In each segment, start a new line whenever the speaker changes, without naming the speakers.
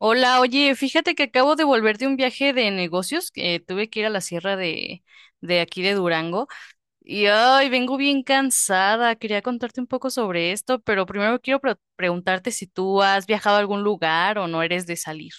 Hola, oye, fíjate que acabo de volver de un viaje de negocios, que tuve que ir a la sierra de aquí de Durango y ay, vengo bien cansada. Quería contarte un poco sobre esto, pero primero quiero preguntarte si tú has viajado a algún lugar o no eres de salir.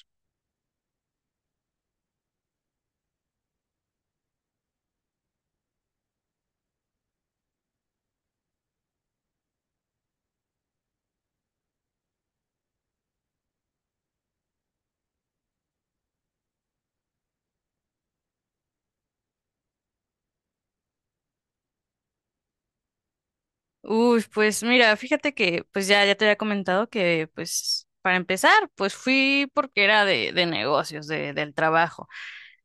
Uy, pues mira, fíjate que pues ya te había comentado que pues para empezar, pues fui porque era de negocios, del trabajo.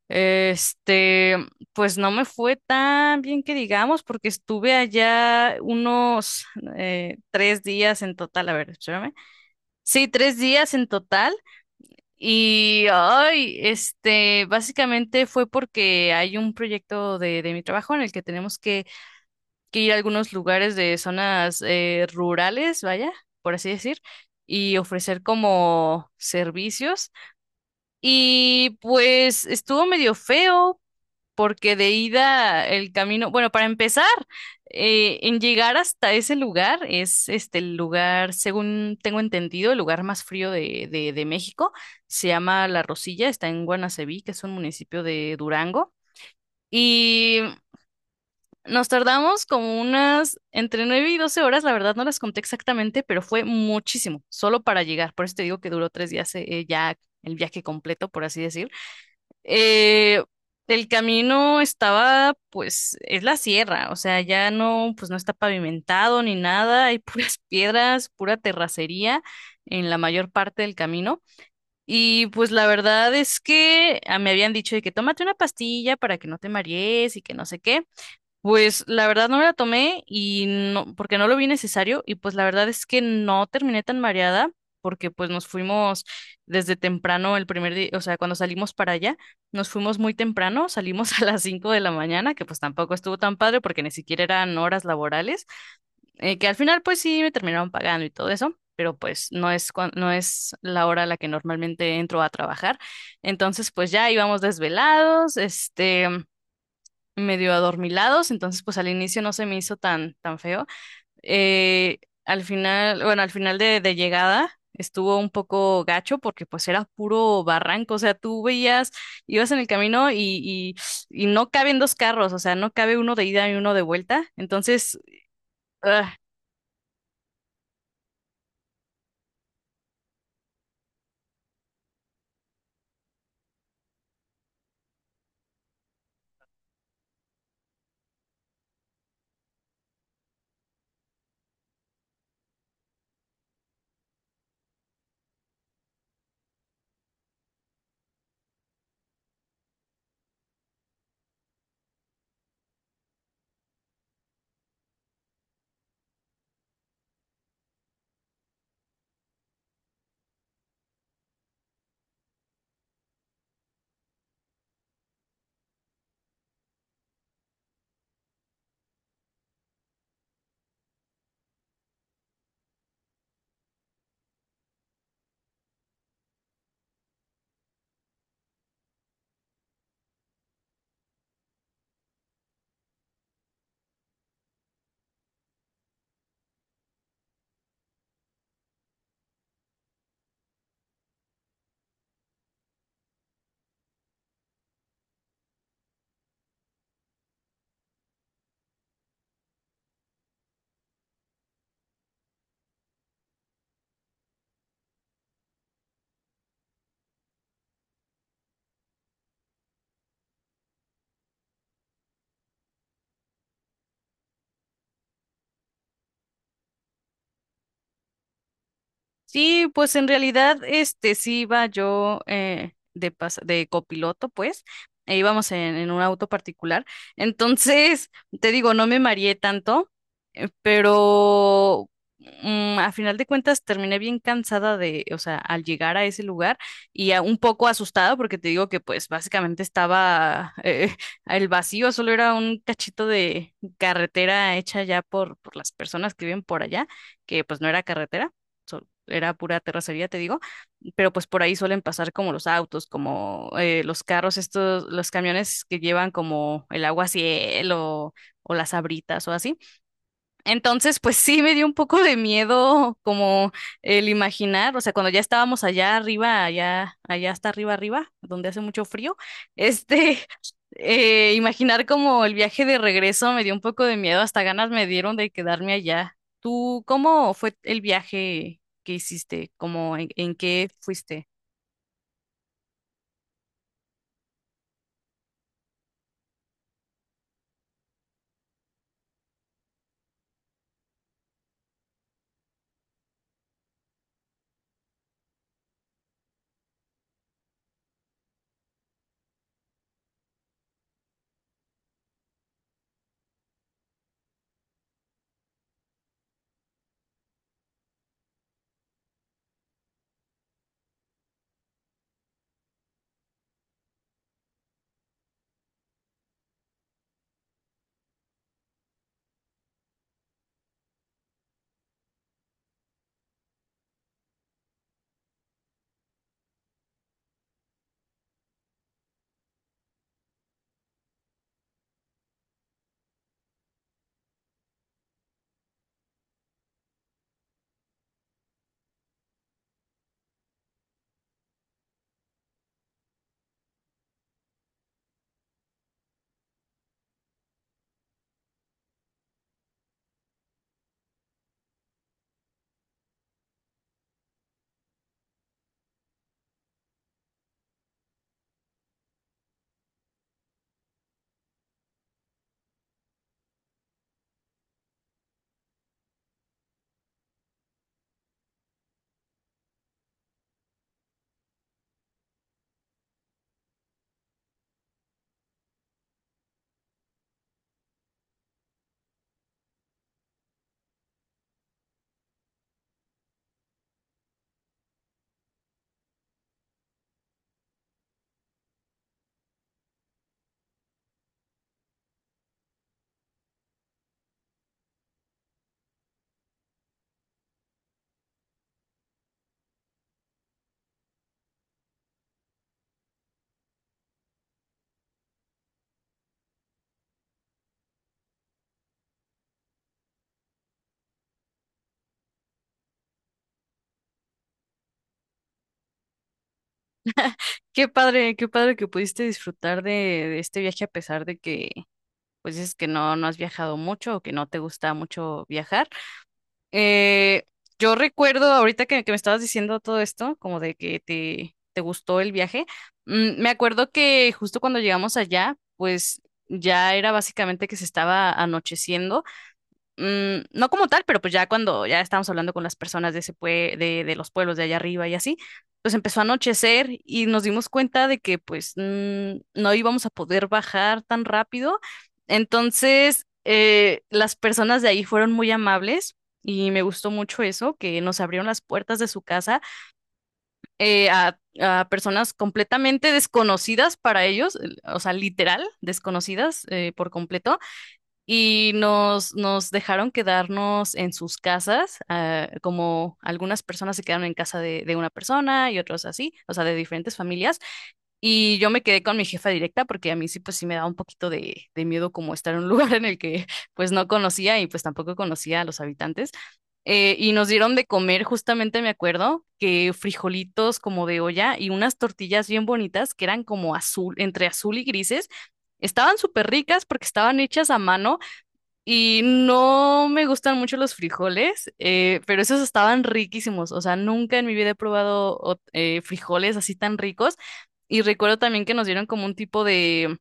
Este, pues no me fue tan bien que digamos, porque estuve allá unos 3 días en total, a ver, espérame. Sí, 3 días en total. Y, ay, este, básicamente fue porque hay un proyecto de mi trabajo en el que tenemos que ir a algunos lugares de zonas rurales, vaya, por así decir, y ofrecer como servicios. Y pues estuvo medio feo porque de ida el camino, bueno, para empezar, en llegar hasta ese lugar, es este el lugar, según tengo entendido, el lugar más frío de México, se llama La Rosilla, está en Guanaceví, que es un municipio de Durango. Y nos tardamos como unas entre 9 y 12 horas, la verdad no las conté exactamente, pero fue muchísimo, solo para llegar. Por eso te digo que duró 3 días ya el viaje completo, por así decir. Eh, el camino estaba, pues, es la sierra, o sea, ya no, pues no está pavimentado ni nada, hay puras piedras, pura terracería en la mayor parte del camino. Y pues la verdad es que me habían dicho de que tómate una pastilla para que no te marees y que no sé qué. Pues la verdad no me la tomé y no, porque no lo vi necesario y pues la verdad es que no terminé tan mareada porque pues nos fuimos desde temprano el primer día, o sea, cuando salimos para allá, nos fuimos muy temprano, salimos a las 5 de la mañana, que pues tampoco estuvo tan padre porque ni siquiera eran horas laborales, que al final pues sí me terminaron pagando y todo eso, pero pues no es, no es la hora a la que normalmente entro a trabajar. Entonces pues ya íbamos desvelados, este medio adormilados, entonces pues al inicio no se me hizo tan, tan feo. Eh, Al final, bueno, al final de llegada estuvo un poco gacho porque pues era puro barranco, o sea, tú veías, ibas en el camino y, y no caben dos carros, o sea, no cabe uno de ida y uno de vuelta, entonces, ugh. Sí, pues en realidad, este, sí iba yo de copiloto, pues, e íbamos en un auto particular. Entonces, te digo, no me mareé tanto, pero a final de cuentas terminé bien cansada de, o sea, al llegar a ese lugar y un poco asustada porque te digo que pues básicamente estaba el vacío, solo era un cachito de carretera hecha ya por las personas que viven por allá, que pues no era carretera, era pura terracería, te digo, pero pues por ahí suelen pasar como los autos, como los carros, estos, los camiones que llevan como el agua cielo o las abritas o así. Entonces, pues sí me dio un poco de miedo como el imaginar, o sea, cuando ya estábamos allá arriba, allá, allá hasta arriba, arriba, donde hace mucho frío, este, imaginar como el viaje de regreso me dio un poco de miedo, hasta ganas me dieron de quedarme allá. ¿Tú cómo fue el viaje que hiciste? ¿Cómo en qué fuiste? Qué padre que pudiste disfrutar de este viaje a pesar de que, pues es que no has viajado mucho o que no te gusta mucho viajar. Eh, yo recuerdo ahorita que me estabas diciendo todo esto, como de que te gustó el viaje. Me acuerdo que justo cuando llegamos allá, pues ya era básicamente que se estaba anocheciendo, no como tal, pero pues ya cuando ya estábamos hablando con las personas de ese de los pueblos de allá arriba y así, pues empezó a anochecer y nos dimos cuenta de que pues no íbamos a poder bajar tan rápido. Entonces, las personas de ahí fueron muy amables y me gustó mucho eso, que nos abrieron las puertas de su casa a personas completamente desconocidas para ellos, el- o sea, literal, desconocidas por completo y nos dejaron quedarnos en sus casas, ah, como algunas personas se quedaron en casa de una persona y otros así, o sea, de diferentes familias. Y yo me quedé con mi jefa directa porque a mí sí, pues sí me daba un poquito de miedo como estar en un lugar en el que pues no conocía y pues tampoco conocía a los habitantes. Y nos dieron de comer, justamente me acuerdo, que frijolitos como de olla y unas tortillas bien bonitas que eran como azul, entre azul y grises. Estaban súper ricas porque estaban hechas a mano y no me gustan mucho los frijoles, pero esos estaban riquísimos. O sea, nunca en mi vida he probado frijoles así tan ricos. Y recuerdo también que nos dieron como un tipo de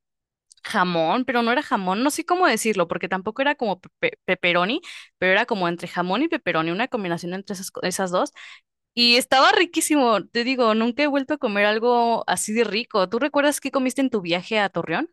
jamón, pero no era jamón, no sé cómo decirlo, porque tampoco era como pepperoni, pero era como entre jamón y pepperoni, una combinación entre esas, esas dos. Y estaba riquísimo, te digo, nunca he vuelto a comer algo así de rico. ¿Tú recuerdas qué comiste en tu viaje a Torreón?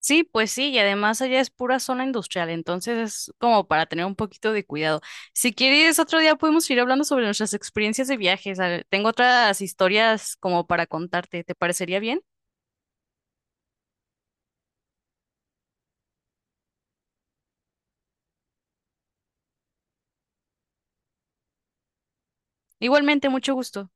Sí, pues sí, y además allá es pura zona industrial, entonces es como para tener un poquito de cuidado. Si quieres, otro día podemos ir hablando sobre nuestras experiencias de viajes. A ver, tengo otras historias como para contarte, ¿te parecería bien? Igualmente, mucho gusto.